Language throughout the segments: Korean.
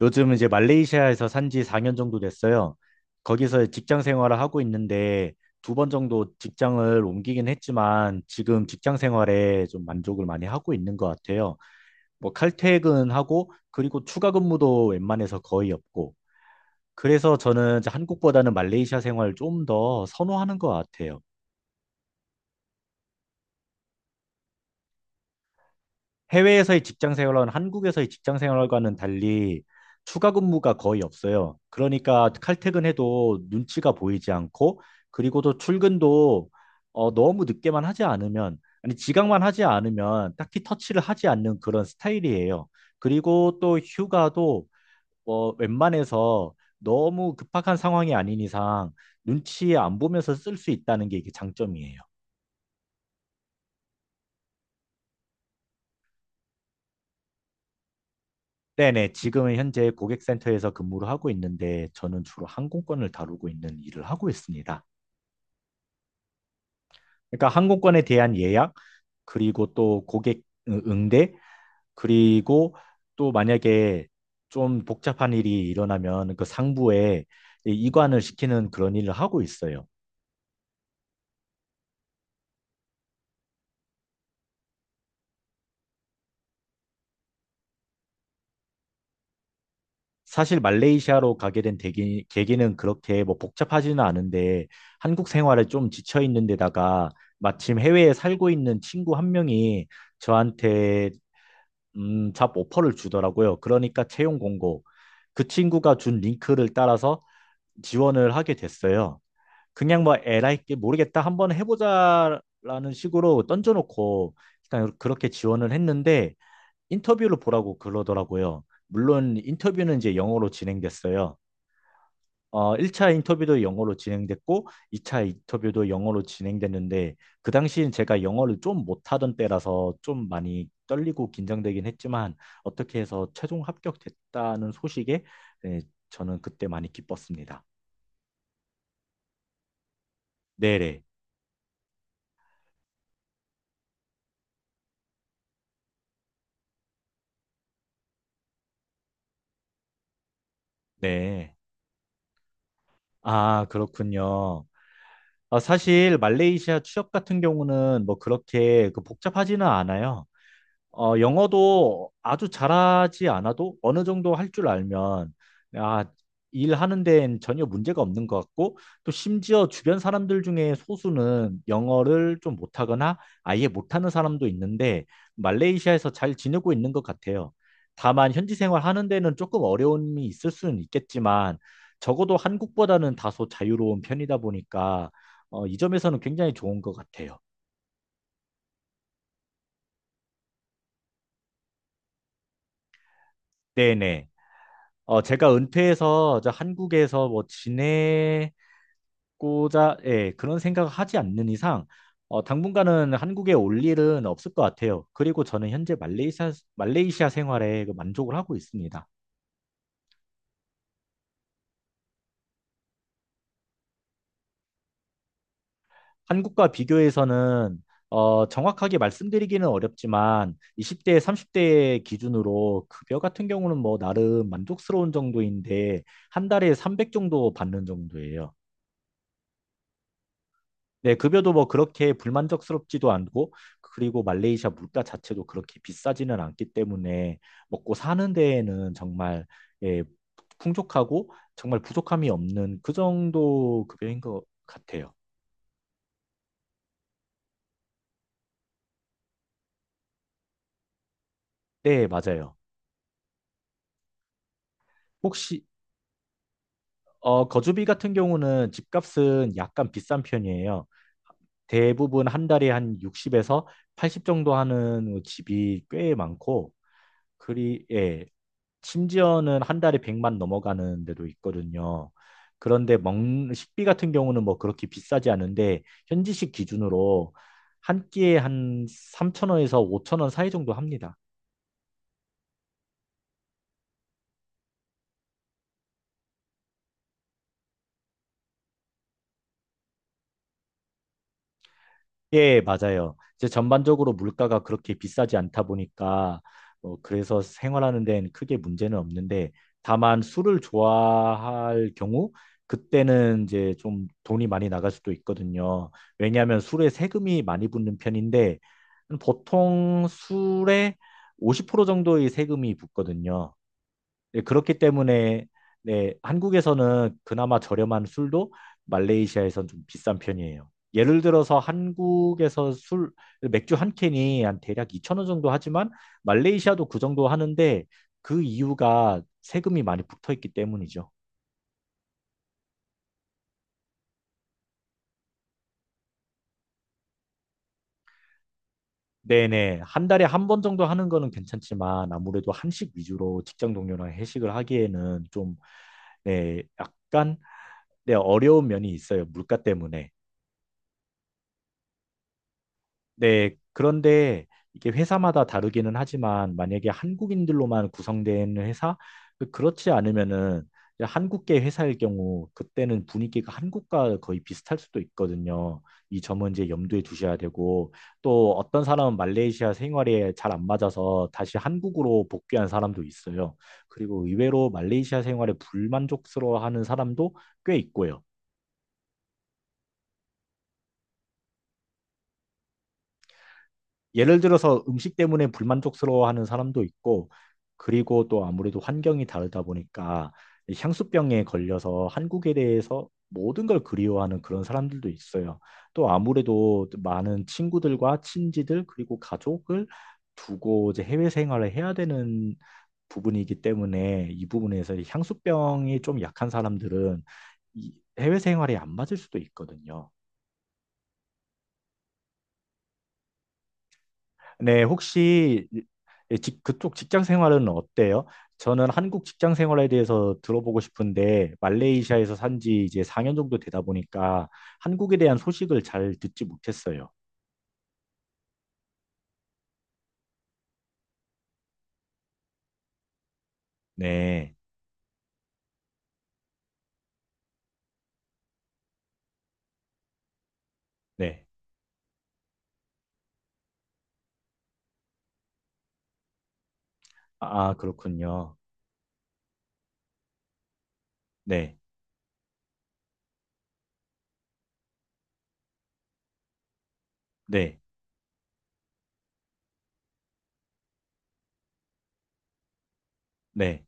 요즘 이제 말레이시아에서 산지 4년 정도 됐어요. 거기서 직장 생활을 하고 있는데 두 번 정도 직장을 옮기긴 했지만 지금 직장 생활에 좀 만족을 많이 하고 있는 것 같아요. 뭐 칼퇴근하고 그리고 추가 근무도 웬만해서 거의 없고. 그래서 저는 이제 한국보다는 말레이시아 생활을 좀 더 선호하는 것 같아요. 해외에서의 직장 생활은 한국에서의 직장 생활과는 달리 추가 근무가 거의 없어요. 그러니까 칼퇴근해도 눈치가 보이지 않고 그리고 또 출근도 너무 늦게만 하지 않으면 아니 지각만 하지 않으면 딱히 터치를 하지 않는 그런 스타일이에요. 그리고 또 휴가도 웬만해서 너무 급박한 상황이 아닌 이상 눈치 안 보면서 쓸 수 있다는 게 이게 장점이에요. 네네, 지금은 현재 고객센터에서 근무를 하고 있는데 저는 주로 항공권을 다루고 있는 일을 하고 있습니다. 그러니까 항공권에 대한 예약, 그리고 또 고객 응대, 그리고 또 만약에 좀 복잡한 일이 일어나면 그 상부에 이관을 시키는 그런 일을 하고 있어요. 사실 말레이시아로 가게 된 계기는 그렇게 뭐 복잡하지는 않은데 한국 생활에 좀 지쳐 있는 데다가 마침 해외에 살고 있는 친구 한 명이 저한테 잡 오퍼를 주더라고요. 그러니까 채용 공고, 그 친구가 준 링크를 따라서 지원을 하게 됐어요. 그냥 뭐 에라이 게 모르겠다 한번 해보자라는 식으로 던져놓고 그냥 그렇게 지원을 했는데 인터뷰를 보라고 그러더라고요. 물론 인터뷰는 이제 영어로 진행됐어요. 1차 인터뷰도 영어로 진행됐고, 2차 인터뷰도 영어로 진행됐는데, 그 당시엔 제가 영어를 좀 못하던 때라서 좀 많이 떨리고 긴장되긴 했지만, 어떻게 해서 최종 합격됐다는 소식에 네, 저는 그때 많이 기뻤습니다. 네네. 네. 아, 그렇군요. 아, 사실 말레이시아 취업 같은 경우는 뭐 그렇게 그 복잡하지는 않아요. 영어도 아주 잘하지 않아도 어느 정도 할 줄 알면, 아, 일하는 데엔 전혀 문제가 없는 것 같고, 또 심지어 주변 사람들 중에 소수는 영어를 좀 못하거나 아예 못하는 사람도 있는데, 말레이시아에서 잘 지내고 있는 것 같아요. 다만, 현지 생활하는 데는 조금 어려움이 있을 수는 있겠지만, 적어도 한국보다는 다소 자유로운 편이다 보니까, 이 점에서는 굉장히 좋은 것 같아요. 네네. 제가 은퇴해서 저 한국에서 뭐 지내고자, 예, 그런 생각을 하지 않는 이상, 당분간은 한국에 올 일은 없을 것 같아요. 그리고 저는 현재 말레이시아 생활에 그 만족을 하고 있습니다. 한국과 비교해서는, 정확하게 말씀드리기는 어렵지만, 20대, 30대 기준으로 급여 같은 경우는 뭐 나름 만족스러운 정도인데, 한 달에 300 정도 받는 정도예요. 네, 급여도 뭐 그렇게 불만족스럽지도 않고, 그리고 말레이시아 물가 자체도 그렇게 비싸지는 않기 때문에 먹고 사는 데에는 정말 예, 풍족하고 정말 부족함이 없는 그 정도 급여인 것 같아요. 네, 맞아요. 혹시 거주비 같은 경우는 집값은 약간 비싼 편이에요. 대부분 한 달에 한 60에서 80 정도 하는 집이 꽤 많고, 예, 심지어는 한 달에 100만 넘어가는 데도 있거든요. 그런데 먹 식비 같은 경우는 뭐 그렇게 비싸지 않은데 현지식 기준으로 한 끼에 한 3천 원에서 5천 원 사이 정도 합니다. 예, 맞아요. 이제 전반적으로 물가가 그렇게 비싸지 않다 보니까 그래서 생활하는 데는 크게 문제는 없는데 다만 술을 좋아할 경우 그때는 이제 좀 돈이 많이 나갈 수도 있거든요. 왜냐하면 술에 세금이 많이 붙는 편인데 보통 술에 50% 정도의 세금이 붙거든요. 네, 그렇기 때문에 네, 한국에서는 그나마 저렴한 술도 말레이시아에선 좀 비싼 편이에요. 예를 들어서 한국에서 술 맥주 한 캔이 한 대략 2천 원 정도 하지만 말레이시아도 그 정도 하는데 그 이유가 세금이 많이 붙어 있기 때문이죠. 네네. 한 달에 한 번 정도 하는 거는 괜찮지만 아무래도 한식 위주로 직장 동료랑 회식을 하기에는 좀 네, 약간 네, 어려운 면이 있어요. 물가 때문에. 네, 그런데 이게 회사마다 다르기는 하지만 만약에 한국인들로만 구성된 회사, 그 그렇지 않으면은 이제 한국계 회사일 경우 그때는 분위기가 한국과 거의 비슷할 수도 있거든요. 이 점은 이제 염두에 두셔야 되고 또 어떤 사람은 말레이시아 생활에 잘 안 맞아서 다시 한국으로 복귀한 사람도 있어요. 그리고 의외로 말레이시아 생활에 불만족스러워하는 사람도 꽤 있고요. 예를 들어서 음식 때문에 불만족스러워하는 사람도 있고 그리고 또 아무래도 환경이 다르다 보니까 이 향수병에 걸려서 한국에 대해서 모든 걸 그리워하는 그런 사람들도 있어요. 또 아무래도 많은 친구들과 친지들 그리고 가족을 두고 이제 해외 생활을 해야 되는 부분이기 때문에 이 부분에서 이 향수병이 좀 약한 사람들은 이 해외 생활에 안 맞을 수도 있거든요. 네, 혹시 그쪽 직장 생활은 어때요? 저는 한국 직장 생활에 대해서 들어보고 싶은데, 말레이시아에서 산지 이제 4년 정도 되다 보니까 한국에 대한 소식을 잘 듣지 못했어요. 네, 네. 아, 그렇군요. 네, 네, 네.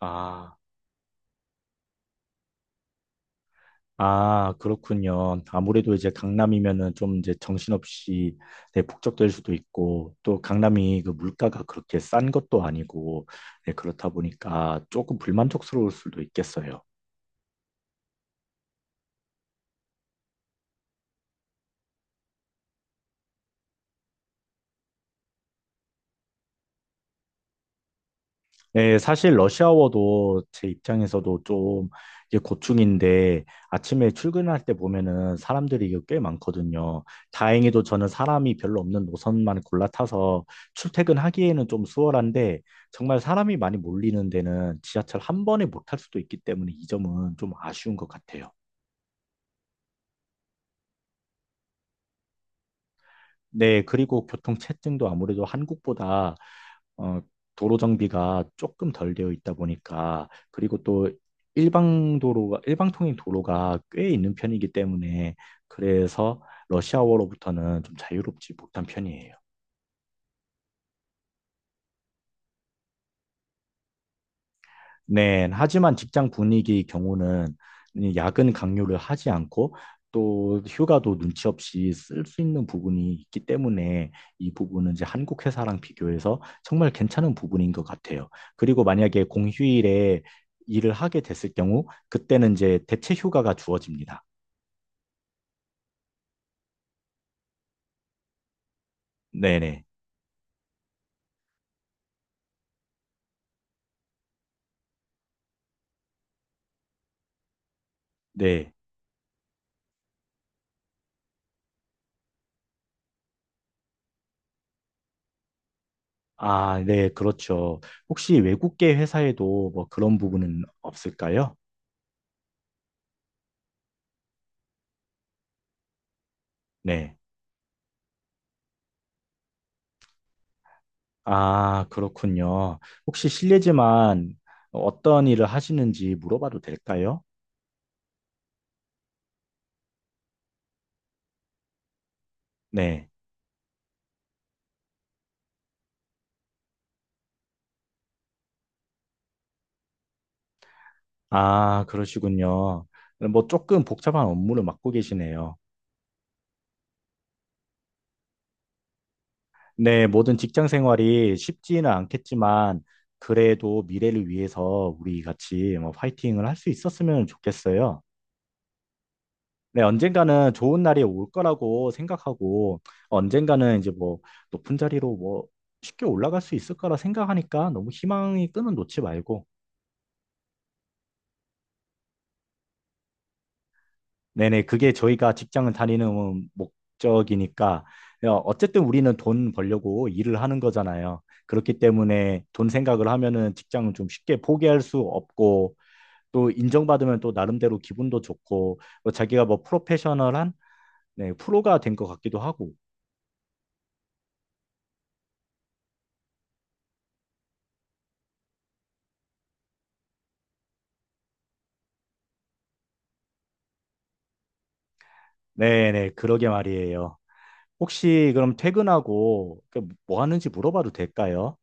아. 아, 그렇군요. 아무래도 이제 강남이면은 좀 이제 정신없이 네, 북적될 수도 있고 또 강남이 그 물가가 그렇게 싼 것도 아니고 네, 그렇다 보니까 조금 불만족스러울 수도 있겠어요. 네, 사실 러시아워도 제 입장에서도 좀 이제 고충인데 아침에 출근할 때 보면은 사람들이 이거 꽤 많거든요. 다행히도 저는 사람이 별로 없는 노선만 골라 타서 출퇴근하기에는 좀 수월한데 정말 사람이 많이 몰리는 데는 지하철 한 번에 못 탈 수도 있기 때문에 이 점은 좀 아쉬운 것 같아요. 네, 그리고 교통체증도 아무래도 한국보다 어, 도로 정비가 조금 덜 되어 있다 보니까 그리고 또 일방 도로가 일방통행 도로가 꽤 있는 편이기 때문에 그래서 러시아워로부터는 좀 자유롭지 못한 편이에요. 네, 하지만 직장 분위기 경우는 이 야근 강요를 하지 않고 또 휴가도 눈치 없이 쓸 수 있는 부분이 있기 때문에 이 부분은 이제 한국 회사랑 비교해서 정말 괜찮은 부분인 것 같아요. 그리고 만약에 공휴일에 일을 하게 됐을 경우 그때는 이제 대체 휴가가 주어집니다. 네네. 네. 네. 아, 네, 그렇죠. 혹시 외국계 회사에도 뭐 그런 부분은 없을까요? 네. 아, 그렇군요. 혹시 실례지만 어떤 일을 하시는지 물어봐도 될까요? 네. 아, 그러시군요. 뭐 조금 복잡한 업무를 맡고 계시네요. 네, 모든 직장 생활이 쉽지는 않겠지만 그래도 미래를 위해서 우리 같이 뭐 파이팅을 할 수 있었으면 좋겠어요. 네, 언젠가는 좋은 날이 올 거라고 생각하고 언젠가는 이제 뭐 높은 자리로 뭐 쉽게 올라갈 수 있을 거라 생각하니까 너무 희망이 끊은 놓지 말고 네네, 그게 저희가 직장을 다니는 목적이니까, 어쨌든 우리는 돈 벌려고 일을 하는 거잖아요. 그렇기 때문에 돈 생각을 하면은 직장을 좀 쉽게 포기할 수 없고, 또 인정받으면 또 나름대로 기분도 좋고, 뭐 자기가 뭐 프로페셔널한, 네, 프로가 된 것 같기도 하고. 네네, 그러게 말이에요. 혹시 그럼 퇴근하고 그뭐 하는지 물어봐도 될까요?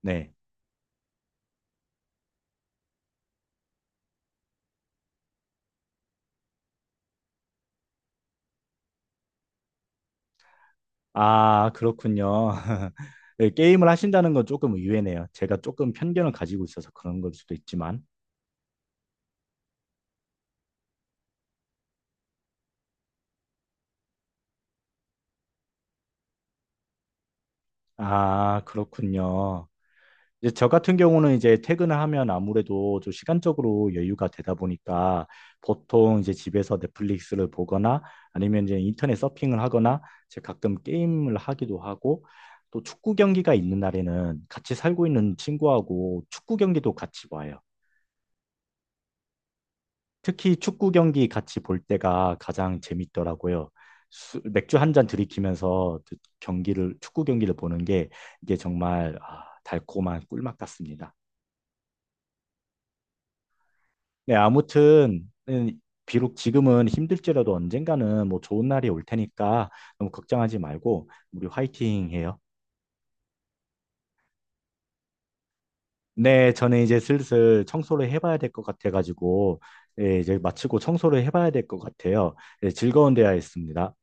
네. 아, 그렇군요. 예, 게임을 하신다는 건 조금 의외네요. 제가 조금 편견을 가지고 있어서 그런 걸 수도 있지만. 아, 그렇군요. 이제 저 같은 경우는 이제 퇴근을 하면 아무래도 좀 시간적으로 여유가 되다 보니까 보통 이제 집에서 넷플릭스를 보거나 아니면 이제 인터넷 서핑을 하거나 제가 가끔 게임을 하기도 하고 또 축구 경기가 있는 날에는 같이 살고 있는 친구하고 축구 경기도 같이 봐요. 특히 축구 경기 같이 볼 때가 가장 재밌더라고요. 맥주 한 잔 들이키면서 그 경기를, 축구 경기를 보는 게 이게 정말 아, 달콤한 꿀맛 같습니다. 네, 아무튼, 비록 지금은 힘들지라도 언젠가는 뭐 좋은 날이 올 테니까 너무 걱정하지 말고 우리 화이팅 해요. 네, 저는 이제 슬슬 청소를 해봐야 될 것 같아가지고, 예, 이제 마치고 청소를 해봐야 될 것 같아요. 예, 즐거운 대화였습니다.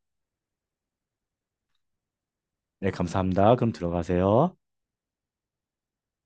네, 감사합니다. 그럼 들어가세요.